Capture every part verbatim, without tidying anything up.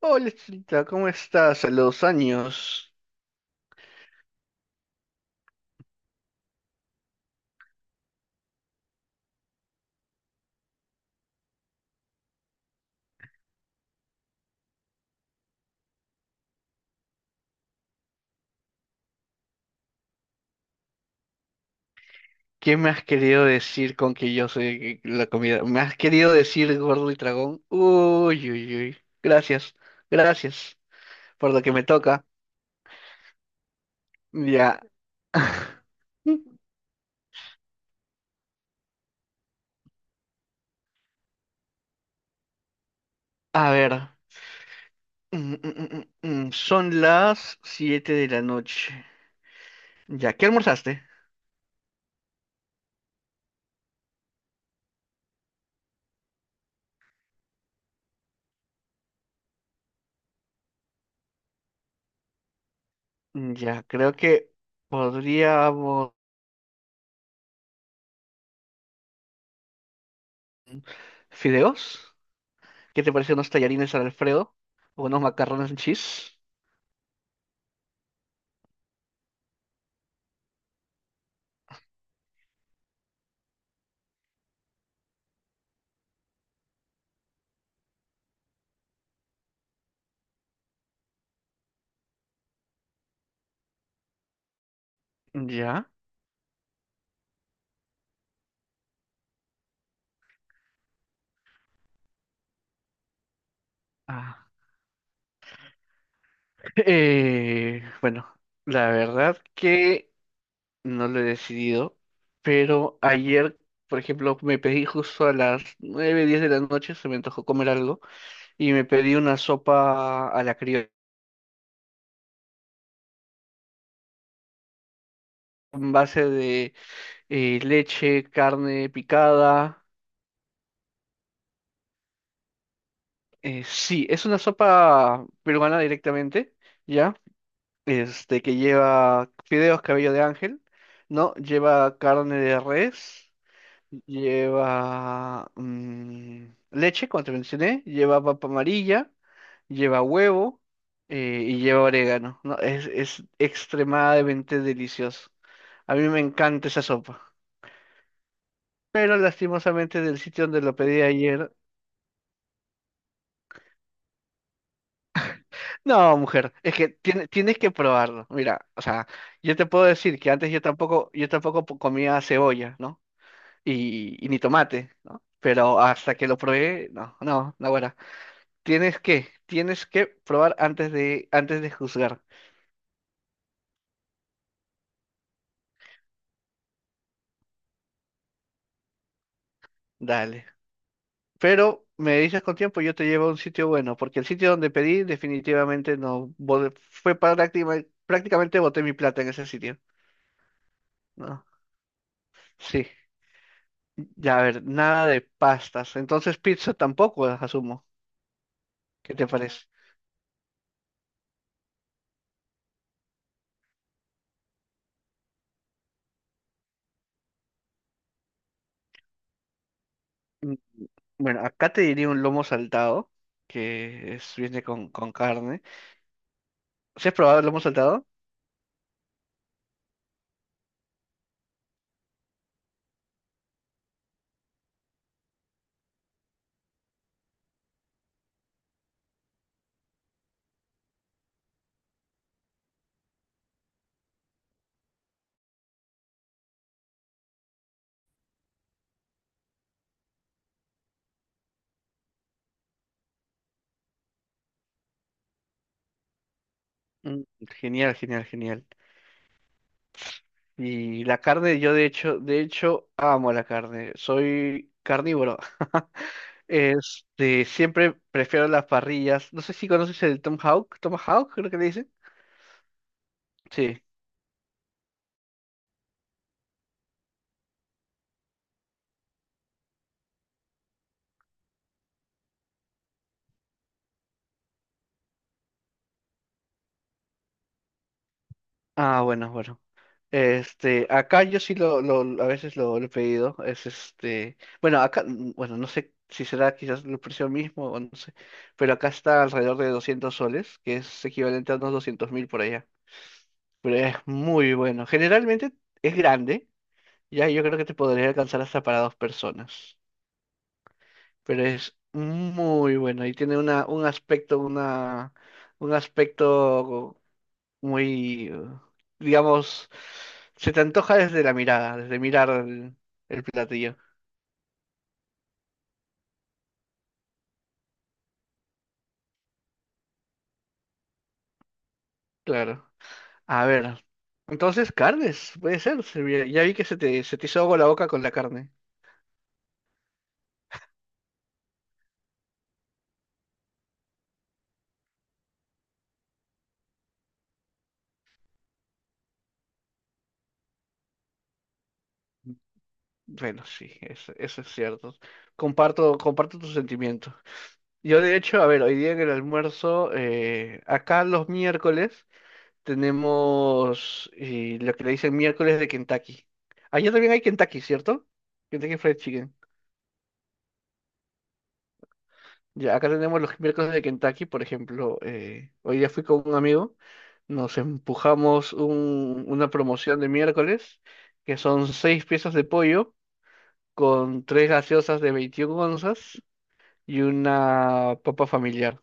Hola, Chinita, ¿cómo estás? A los años. ¿Qué me has querido decir con que yo soy la comida? ¿Me has querido decir gordo y dragón? Uy, uy, uy. Gracias, gracias por lo que me toca. Ya. A ver, mm, mm, mm, mm, mm, son las siete de la noche. Ya, ¿qué almorzaste? Mm, Ya, creo que podríamos. ¿Fideos? ¿Qué te parecen unos tallarines al Alfredo? ¿O unos macarrones en cheese? Ya. Ah. Eh, bueno, la verdad que no lo he decidido, pero ayer, por ejemplo, me pedí justo a las nueve diez de la noche, se me antojó comer algo, y me pedí una sopa a la criolla, en base de eh, leche, carne picada. Eh, sí, es una sopa peruana directamente, ¿ya? Este, que lleva fideos cabello de ángel, ¿no? Lleva carne de res. Lleva mm, leche, como te mencioné, lleva papa amarilla, lleva huevo eh, y lleva orégano. No, es, es extremadamente delicioso. A mí me encanta esa sopa. Pero lastimosamente del sitio donde lo pedí ayer. No, mujer, es que tiene- tienes que probarlo. Mira, o sea, yo te puedo decir que antes yo tampoco, yo tampoco po- comía cebolla, ¿no? Y, y ni tomate, ¿no? Pero hasta que lo probé, no, no, no, bueno, Tienes que, tienes que probar antes de, antes de juzgar. Dale. Pero me dices con tiempo, yo te llevo a un sitio bueno, porque el sitio donde pedí definitivamente no bo- fue práctima- prácticamente boté mi plata en ese sitio. No. Sí. Ya, a ver, nada de pastas. Entonces pizza tampoco, asumo. ¿Qué te parece? Mm, Bueno, acá te diría un lomo saltado, que es- viene con, con carne. ¿Se has probado el lomo saltado? Mm, Genial, genial, genial. Y la carne, yo de hecho, de hecho, amo la carne. Soy carnívoro. Este, siempre prefiero las parrillas. No sé si conoces el Tom Hawk, Tomahawk, creo que le dicen. Sí. Ah, bueno, bueno. Este, acá yo sí lo, lo, lo- a veces lo, lo he pedido. Es este, bueno, acá, mm, bueno, no sé si será quizás el precio mismo o no sé, pero acá está alrededor de doscientos soles, que es equivalente a unos doscientos mil por allá. Pero es muy bueno. Generalmente es grande. Ya, yo creo que te podría alcanzar hasta para dos personas. Pero es muy bueno y tiene una, un aspecto, una, un aspecto muy, eh, digamos, se te antoja desde la mirada, desde mirar el, el platillo. Claro. A ver. Entonces, carnes, puede ser. se ve- Ya vi que se te, se te hizo agua la boca con la carne. Bueno, sí, eso, eso es cierto. Comparto, comparto tu sentimiento. Yo de hecho, a ver, hoy día en el almuerzo, eh, acá los miércoles tenemos eh, lo que le dicen miércoles de Kentucky. Allá también hay Kentucky, ¿cierto? Kentucky Fried Chicken. Ya, acá tenemos los miércoles de Kentucky, por ejemplo, eh, hoy día fui con un amigo, nos empujamos un- una promoción de miércoles, que son seis piezas de pollo con tres gaseosas de veintiuna onzas y una papa familiar.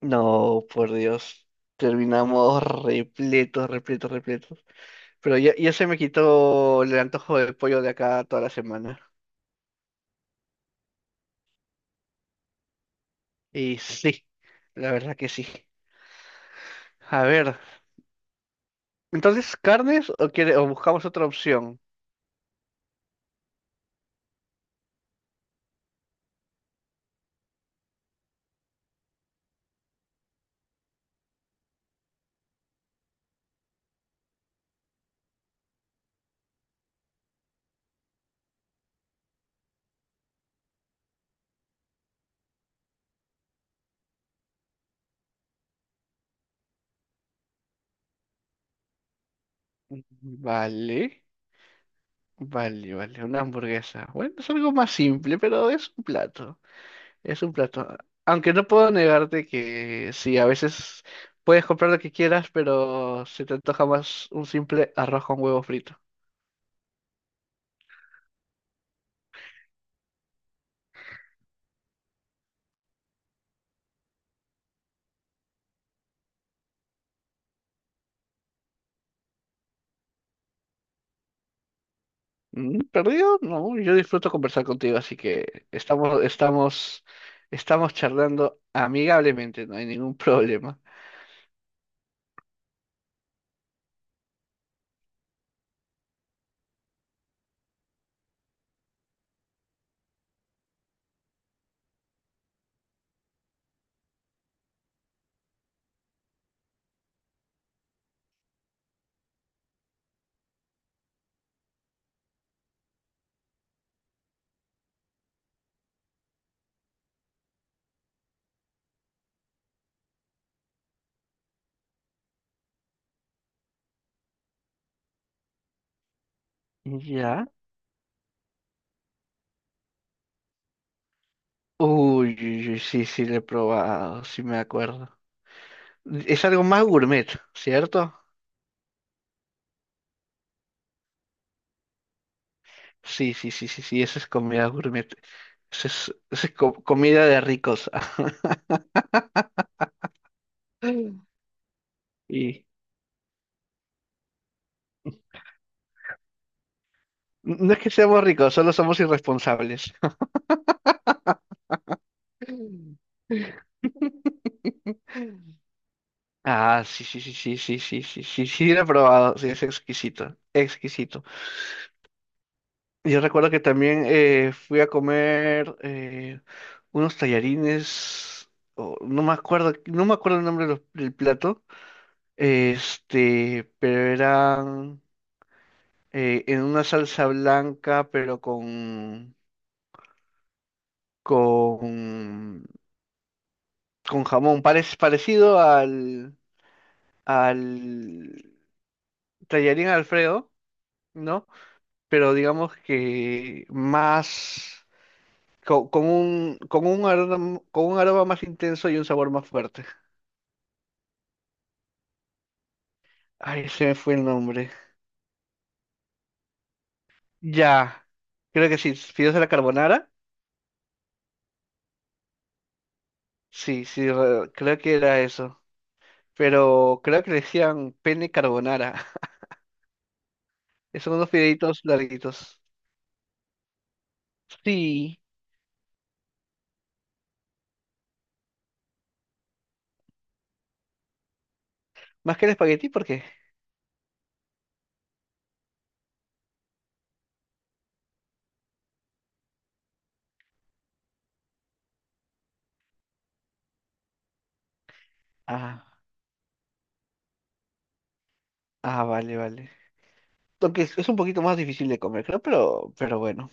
No, por Dios. Terminamos repletos, repletos, repletos. Pero ya, ya se me quitó el antojo del pollo de acá toda la semana. Y sí, la verdad que sí. A ver, entonces, ¿carnes o quiere, o buscamos otra opción? Vale, vale, vale, una hamburguesa. Bueno, es algo más simple, pero es un plato. Es un plato. Aunque no puedo negarte que sí, a veces puedes comprar lo que quieras, pero se te antoja más un simple arroz con huevo frito. Mm, ¿Perdido? No, yo disfruto conversar contigo, así que estamos, estamos, estamos charlando amigablemente, no hay ningún problema. ¿Ya? Uy, uy, uy, sí, sí, lo he probado, sí me acuerdo. Es algo más gourmet, ¿cierto? Sí, sí, sí, sí, sí, eso es comida gourmet. Eso es, eso es co- comida de ricos. Y no es que seamos ricos, solo somos irresponsables. Mm. Ah, sí, sí, sí, sí, sí, sí, sí, sí, sí, lo he probado, sí, es exquisito, exquisito. Yo recuerdo que también eh, fui a comer eh, unos tallarines, o no me acuerdo, no me acuerdo el nombre de los- del plato, este, pero eran eh, en una salsa blanca, pero con, con, con jamón, parec- parecido al, al tallarín Alfredo, ¿no? Pero digamos que más co- con, un con un aroma, con un aroma más intenso y un sabor más fuerte. Ay, se me fue el nombre. Ya, creo que sí, fideos de la carbonara. Sí, sí, re- creo que era eso. Pero creo que le decían pene carbonara. Son unos fideitos larguitos. Sí, más que el espagueti, ¿por qué? Ah, ah, vale, vale. Aunque es es un poquito más difícil de comer, creo, pero, pero bueno.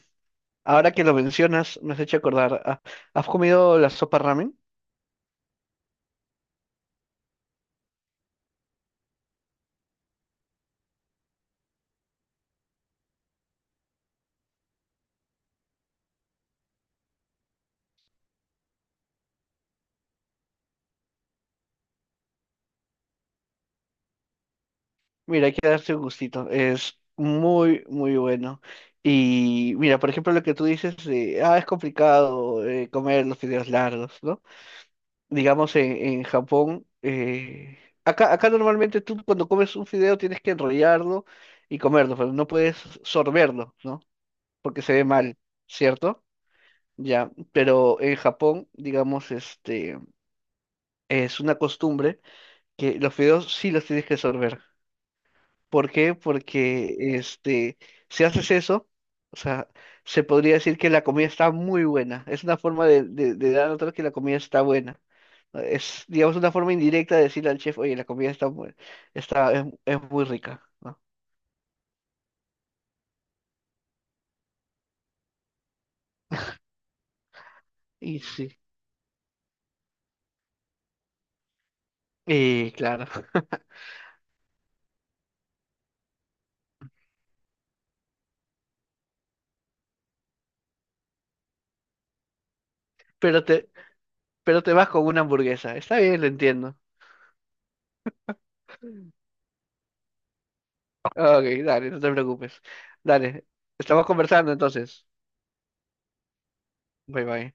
Ahora que lo mencionas, me has hecho acordar. Ah, ¿has comido la sopa ramen? Mira, hay que darse un gustito. Es muy, muy bueno. Y mira, por ejemplo, lo que tú dices de, ah, es complicado eh, comer los fideos largos, ¿no? Digamos, en, en Japón, eh, acá, acá normalmente tú cuando comes un fideo tienes que enrollarlo y comerlo, pero no puedes sorberlo, ¿no? Porque se ve mal, ¿cierto? Ya, pero en Japón, digamos, este, es una costumbre que los fideos sí los tienes que sorber. ¿Por qué? Porque este, si haces eso, o sea, se podría decir que la comida está muy buena. Es una forma de, de, de dar a notar que la comida está buena. Es, digamos, una forma indirecta de decirle al chef, oye, la comida está muy, está, es, es muy rica, ¿no? Y sí, y claro. Pero te, pero te vas con una hamburguesa. Está bien, lo entiendo. Ok, dale, no te preocupes. Dale, estamos conversando entonces. Bye bye.